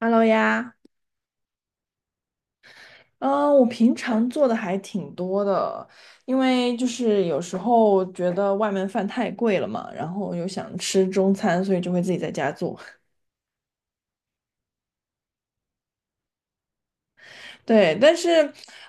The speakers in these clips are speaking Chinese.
Hello 呀。嗯，我平常做的还挺多的，因为就是有时候觉得外面饭太贵了嘛，然后又想吃中餐，所以就会自己在家做。对，但是，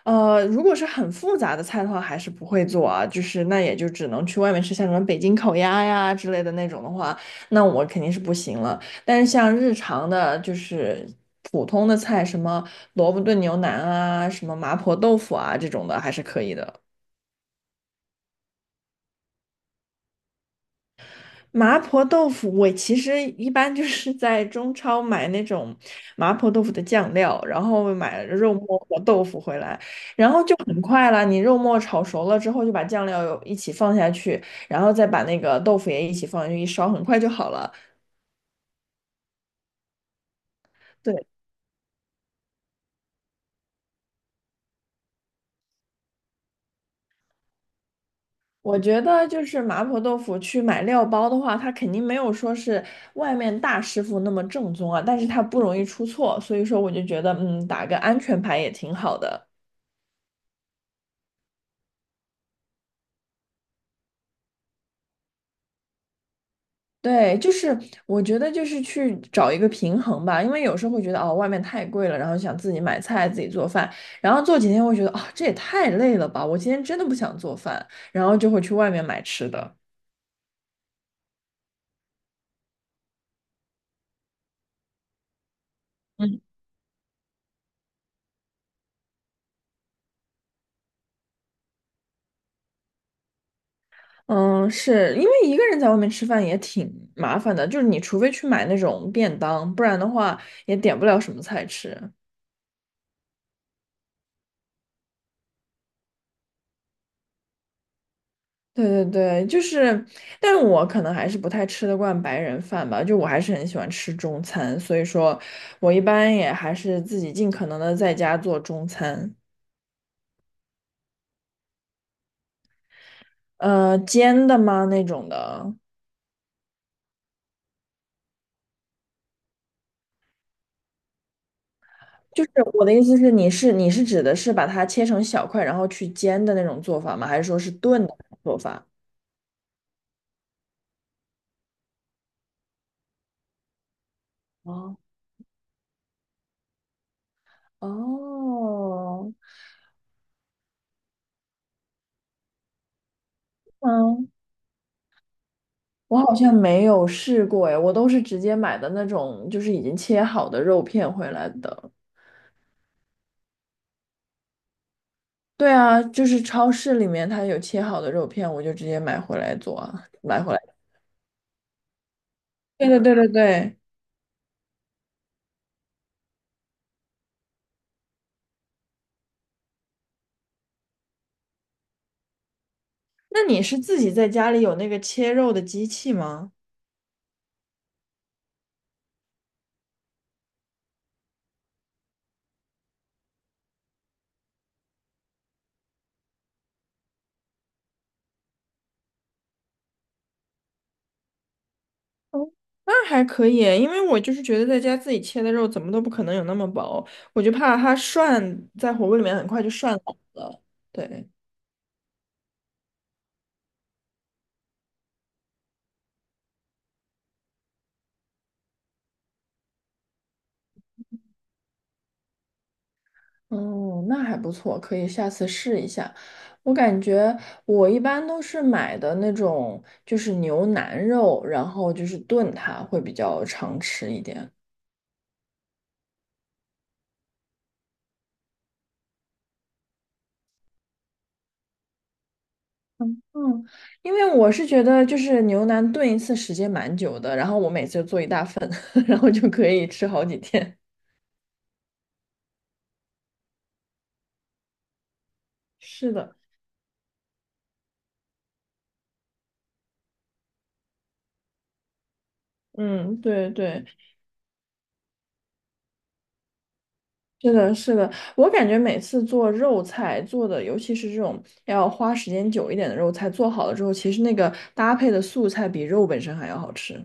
如果是很复杂的菜的话，还是不会做啊，就是那也就只能去外面吃，像什么北京烤鸭呀之类的那种的话，那我肯定是不行了。但是像日常的，就是普通的菜，什么萝卜炖牛腩啊，什么麻婆豆腐啊这种的，还是可以的。麻婆豆腐，我其实一般就是在中超买那种麻婆豆腐的酱料，然后买肉末和豆腐回来，然后就很快了。你肉末炒熟了之后，就把酱料一起放下去，然后再把那个豆腐也一起放进去一烧，很快就好了。对，我觉得就是麻婆豆腐去买料包的话，它肯定没有说是外面大师傅那么正宗啊，但是它不容易出错，所以说我就觉得，嗯，打个安全牌也挺好的。对，就是我觉得就是去找一个平衡吧，因为有时候会觉得哦，外面太贵了，然后想自己买菜自己做饭，然后做几天会觉得啊、这也太累了吧，我今天真的不想做饭，然后就会去外面买吃的。嗯，嗯，是因为一个人在外面吃饭也挺麻烦的，就是你除非去买那种便当，不然的话也点不了什么菜吃。对对对，就是，但是我可能还是不太吃得惯白人饭吧，就我还是很喜欢吃中餐，所以说，我一般也还是自己尽可能的在家做中餐。煎的吗那种的，就是我的意思是，你是指的是把它切成小块，然后去煎的那种做法吗？还是说是炖的做法？哦哦，嗯，我好像没有试过哎，我都是直接买的那种，就是已经切好的肉片回来的。对啊，就是超市里面它有切好的肉片，我就直接买回来做啊，买回来。对对对对对。那你是自己在家里有那个切肉的机器吗？哦那还可以，因为我就是觉得在家自己切的肉怎么都不可能有那么薄，我就怕它涮在火锅里面很快就涮老了。对，哦，那还不错，可以下次试一下。我感觉我一般都是买的那种，就是牛腩肉，然后就是炖它会比较常吃一点。嗯，因为我是觉得就是牛腩炖一次时间蛮久的，然后我每次就做一大份，然后就可以吃好几天。是的，嗯，对对。是的，是的，我感觉每次做肉菜做的，尤其是这种要花时间久一点的肉菜，做好了之后，其实那个搭配的素菜比肉本身还要好吃。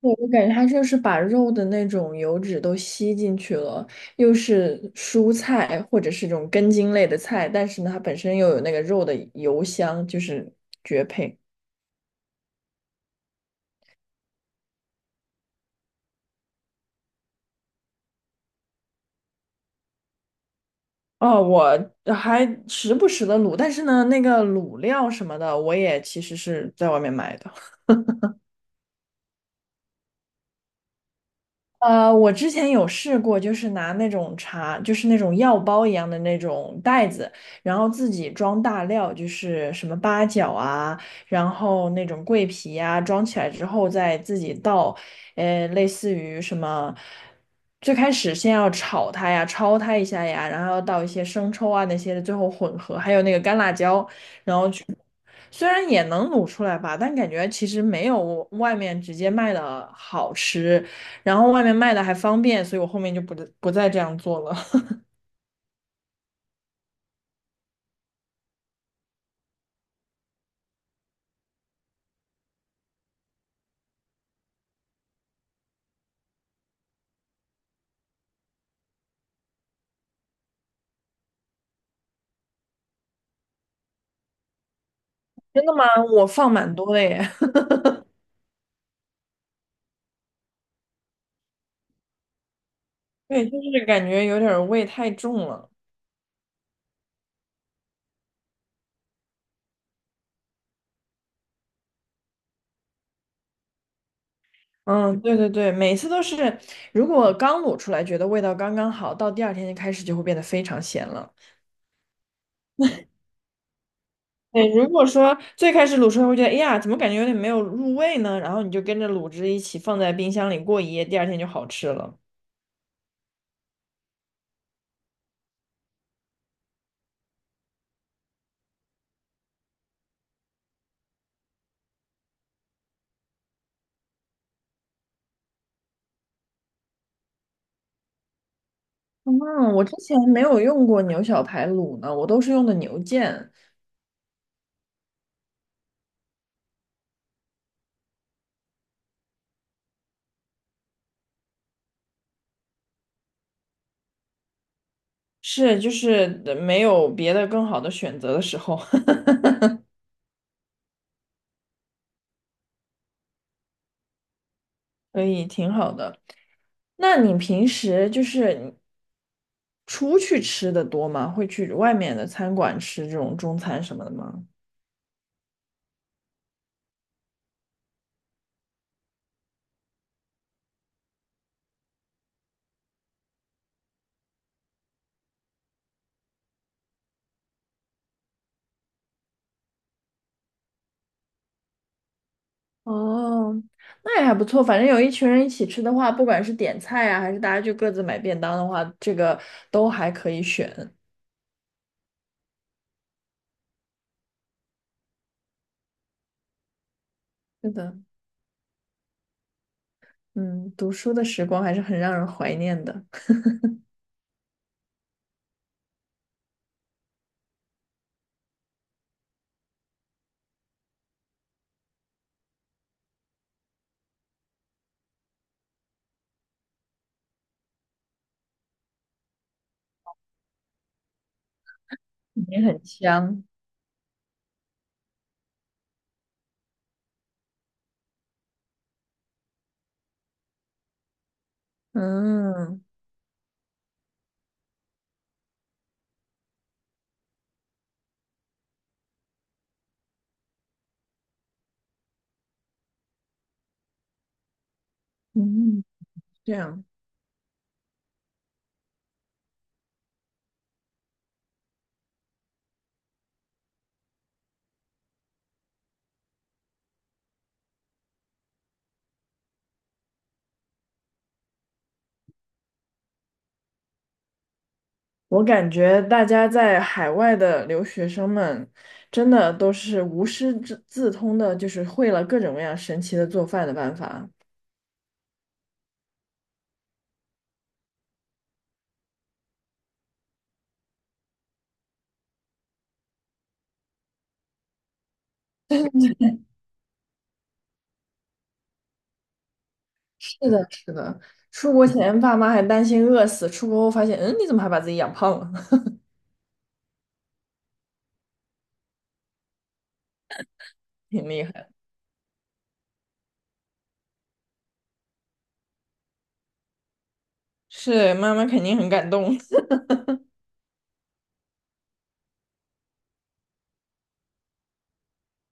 对，我感觉它就是把肉的那种油脂都吸进去了，又是蔬菜或者是这种根茎类的菜，但是呢，它本身又有那个肉的油香，就是哦，我还时不时的卤，但是呢，那个卤料什么的，我也其实是在外面买的。我之前有试过，就是拿那种茶，就是那种药包一样的那种袋子，然后自己装大料，就是什么八角啊，然后那种桂皮啊，装起来之后再自己倒，类似于什么，最开始先要炒它呀，焯它一下呀，然后要倒一些生抽啊那些的，最后混合，还有那个干辣椒，虽然也能卤出来吧，但感觉其实没有外面直接卖的好吃，然后外面卖的还方便，所以我后面就不再这样做了。真的吗？我放蛮多的耶。对，就是感觉有点儿味太重了。嗯，对对对，每次都是，如果刚卤出来觉得味道刚刚好，到第二天就开始就会变得非常咸了。对，如果说最开始卤出来会觉得，哎呀，怎么感觉有点没有入味呢？然后你就跟着卤汁一起放在冰箱里过一夜，第二天就好吃了。嗯，我之前没有用过牛小排卤呢，我都是用的牛腱，是就是没有别的更好的选择的时候，所以挺好的。那你平时就是你出去吃的多吗？会去外面的餐馆吃这种中餐什么的吗？哦，那也还不错，反正有一群人一起吃的话，不管是点菜啊，还是大家就各自买便当的话，这个都还可以选。是的，嗯，读书的时光还是很让人怀念的。也很香。嗯嗯，这样，我感觉大家在海外的留学生们，真的都是无师自自通的，就是会了各种各样神奇的做饭的办法。是的，是的，出国前爸妈还担心饿死，出国后发现，嗯，你怎么还把自己养胖了？挺厉害的。是，妈妈肯定很感动。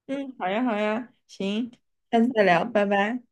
嗯，好呀，好呀，行，下次再聊，拜拜。